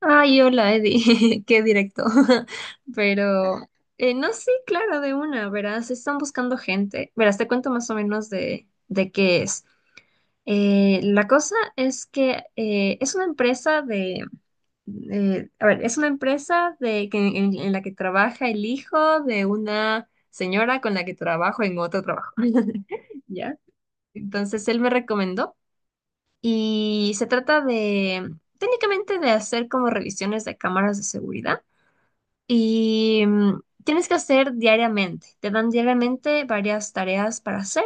Ay, hola, Eddie, qué directo. Pero, no, sí, claro, de una, verás, están buscando gente. Verás, te cuento más o menos de qué es. La cosa es que es una empresa a ver, es una empresa en la que trabaja el hijo de una señora con la que trabajo en otro trabajo. ¿Ya? Entonces, él me recomendó y se trata de, técnicamente, de hacer como revisiones de cámaras de seguridad y tienes que hacer diariamente. Te dan diariamente varias tareas para hacer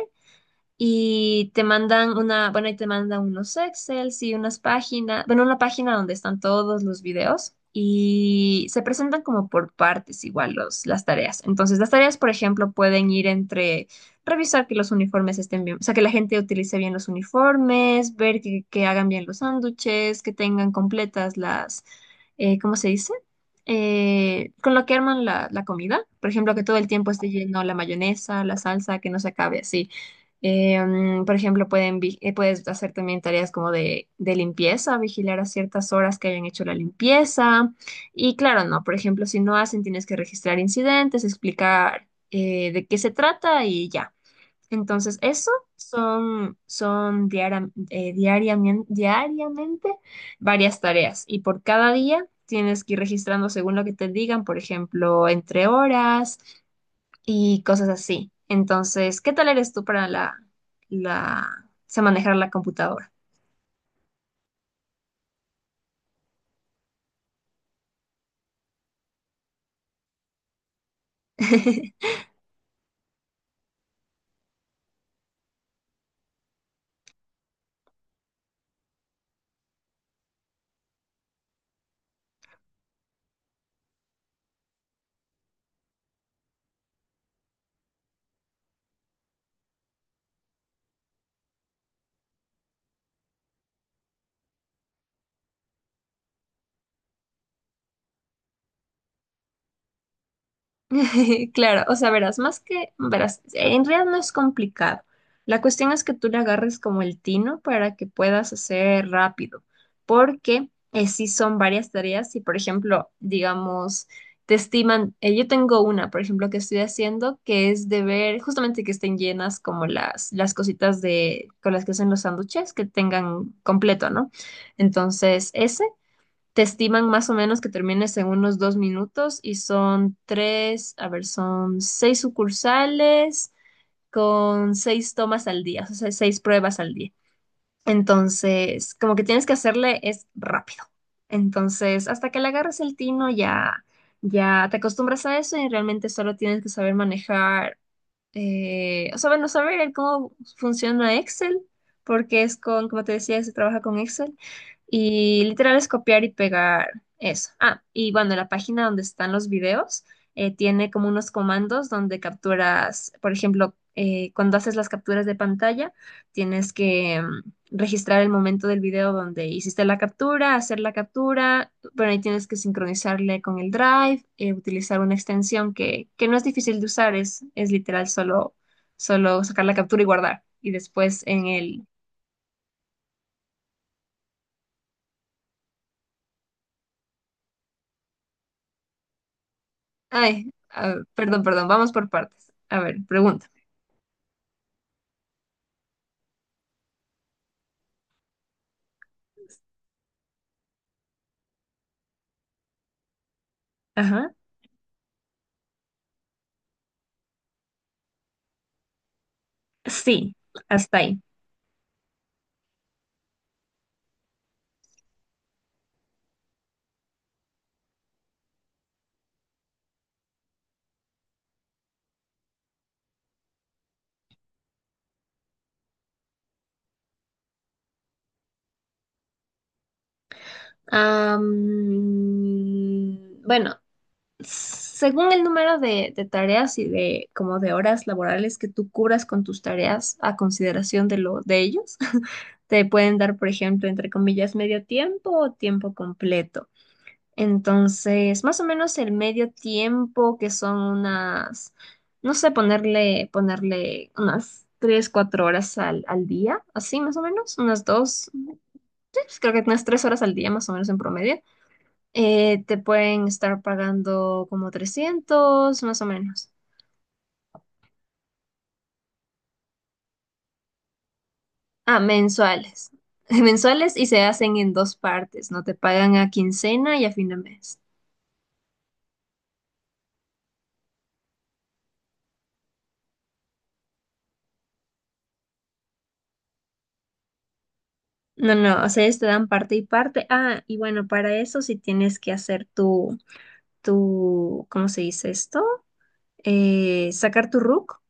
y te mandan una, bueno, y te mandan unos Excel, y unas páginas, bueno, una página donde están todos los videos y se presentan como por partes igual las tareas. Entonces, las tareas, por ejemplo, pueden ir entre revisar que los uniformes estén bien, o sea, que la gente utilice bien los uniformes, ver que hagan bien los sándwiches, que tengan completas las, ¿cómo se dice? Con lo que arman la comida. Por ejemplo, que todo el tiempo esté lleno la mayonesa, la salsa, que no se acabe así. Por ejemplo, puedes hacer también tareas como de limpieza, vigilar a ciertas horas que hayan hecho la limpieza. Y claro, no, por ejemplo, si no hacen, tienes que registrar incidentes, explicar de qué se trata y ya. Entonces, eso diariamente varias tareas. Y por cada día tienes que ir registrando según lo que te digan, por ejemplo, entre horas y cosas así. Entonces, ¿qué tal eres tú para o sea, manejar la computadora? Claro, o sea, verás, verás, en realidad no es complicado. La cuestión es que tú le agarres como el tino para que puedas hacer rápido, porque si sí son varias tareas. Si, por ejemplo, digamos, te estiman, yo tengo una, por ejemplo, que estoy haciendo, que es de ver justamente que estén llenas como las cositas con las que hacen los sándwiches, que tengan completo, ¿no? Entonces, ese te estiman más o menos que termines en unos dos minutos y son tres, a ver, son seis sucursales con seis tomas al día, o sea, seis pruebas al día. Entonces, como que tienes que hacerle es rápido. Entonces, hasta que le agarres el tino ya, ya te acostumbras a eso y realmente solo tienes que saber manejar o sea, bueno, saber el cómo funciona Excel, porque es con, como te decía, se trabaja con Excel, y literal es copiar y pegar eso. Ah, y bueno, la página donde están los videos tiene como unos comandos donde capturas, por ejemplo, cuando haces las capturas de pantalla, tienes que registrar el momento del video donde hiciste la captura, hacer la captura, pero ahí tienes que sincronizarle con el Drive, utilizar una extensión que no es difícil de usar, es literal solo, solo sacar la captura y guardar. Y después en el... Ay, a ver, perdón, perdón, vamos por partes. A ver, pregunta. Ajá. Sí, hasta ahí. Bueno, según el número de tareas y de como de horas laborales que tú cubras con tus tareas a consideración de lo de ellos, te pueden dar, por ejemplo, entre comillas, medio tiempo o tiempo completo. Entonces, más o menos el medio tiempo, que son unas, no sé, ponerle unas tres, cuatro horas al día, así más o menos, unas dos, sí, pues creo que unas tres horas al día más o menos en promedio te pueden estar pagando como 300 más o menos. Ah, mensuales. Mensuales y se hacen en dos partes, ¿no? Te pagan a quincena y a fin de mes. No, no, o sea, ellos te dan parte y parte. Ah, y bueno, para eso sí tienes que hacer ¿cómo se dice esto? Sacar tu RUC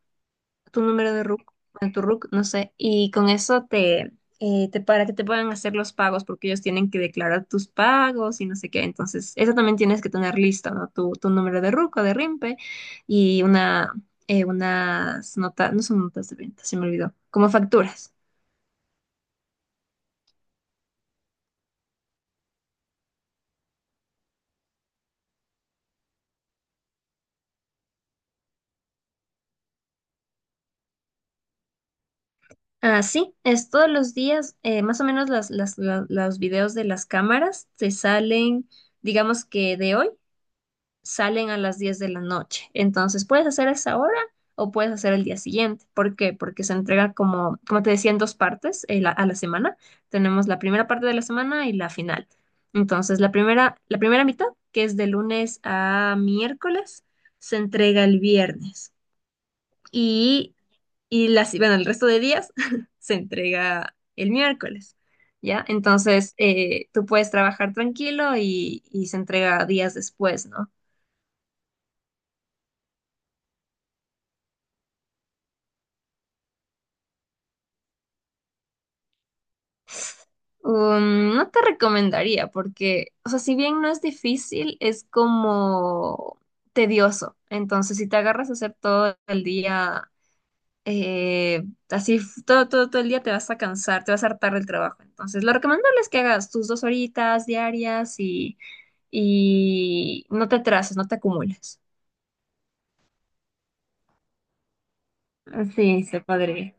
tu número de RUC, bueno, tu RUC, no sé, y con eso te para que te puedan hacer los pagos, porque ellos tienen que declarar tus pagos y no sé qué. Entonces, eso también tienes que tener listo, ¿no? Tu número de RUC o de RIMPE y una, unas notas, no son notas de venta, se me olvidó, como facturas. Ah, sí, es todos los días, más o menos los videos de las cámaras te salen, digamos que de hoy. Salen a las 10 de la noche. Entonces, puedes hacer esa hora o puedes hacer el día siguiente. ¿Por qué? Porque se entrega como, como te decía, en dos partes a la semana. Tenemos la primera parte de la semana y la final. Entonces, la primera mitad, que es de lunes a miércoles, se entrega el viernes. Y, bueno, el resto de días se entrega el miércoles. ¿Ya? Entonces, tú puedes trabajar tranquilo y se entrega días después, ¿no? No te recomendaría porque, o sea, si bien no es difícil, es como tedioso. Entonces, si te agarras a hacer todo el día, eh, todo, todo, todo el día te vas a cansar, te vas a hartar del trabajo. Entonces, lo recomendable es que hagas tus dos horitas diarias y no te atrases, no te acumules. Sí, se podría.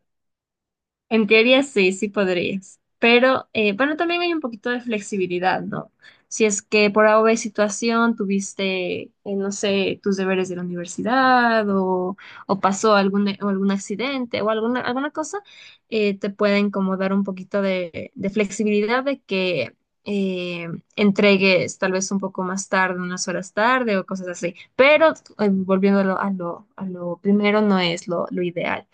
En teoría sí, sí podrías. Pero bueno, también hay un poquito de flexibilidad, ¿no? Si es que por alguna situación tuviste, no sé, tus deberes de la universidad o, o algún accidente o alguna, alguna cosa, te pueden como dar un poquito de flexibilidad de que eh, entregues tal vez un poco más tarde, unas horas tarde o cosas así. Pero volviendo a a lo primero, no es lo ideal.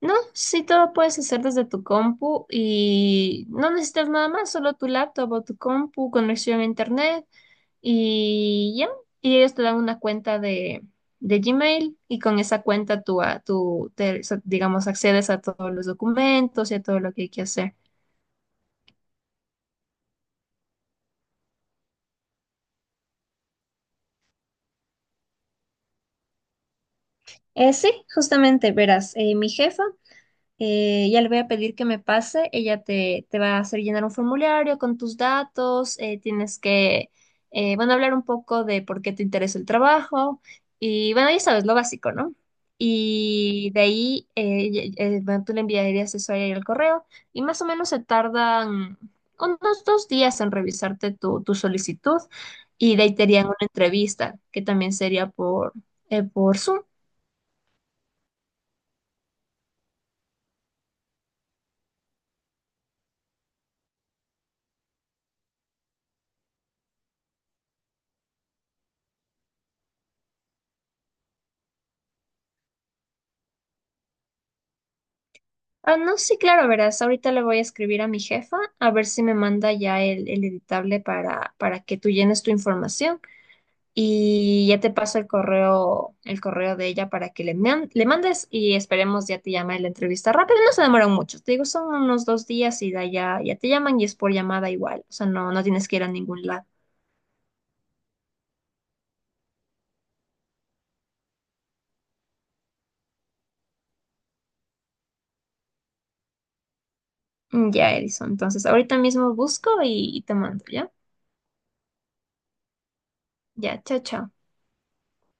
No, sí, todo lo puedes hacer desde tu compu y no necesitas nada más, solo tu laptop o tu compu, conexión a internet y ya. Y ellos te dan una cuenta de Gmail y con esa cuenta tú, a- tú te, so- digamos, accedes a todos los documentos y a todo lo que hay que hacer. Sí, justamente, verás, mi jefa ya le voy a pedir que me pase, ella te va a hacer llenar un formulario con tus datos, tienes que, bueno, hablar un poco de por qué te interesa el trabajo y bueno, ya sabes, lo básico, ¿no? Y de ahí, bueno, tú le enviarías eso a ella el correo y más o menos se tardan unos dos días en revisarte tu, tu solicitud y de ahí te harían una entrevista que también sería por Zoom. Ah, no, sí, claro, verás. Ahorita le voy a escribir a mi jefa a ver si me manda ya el editable para que tú llenes tu información y ya te paso el correo de ella para que le mandes y esperemos ya te llame la entrevista rápido. No se demoran mucho, te digo, son unos dos días y da ya, ya te llaman y es por llamada igual. O sea, no, no tienes que ir a ningún lado. Ya, Edison. Entonces, ahorita mismo busco y te mando, ¿ya? Ya, chao, chao.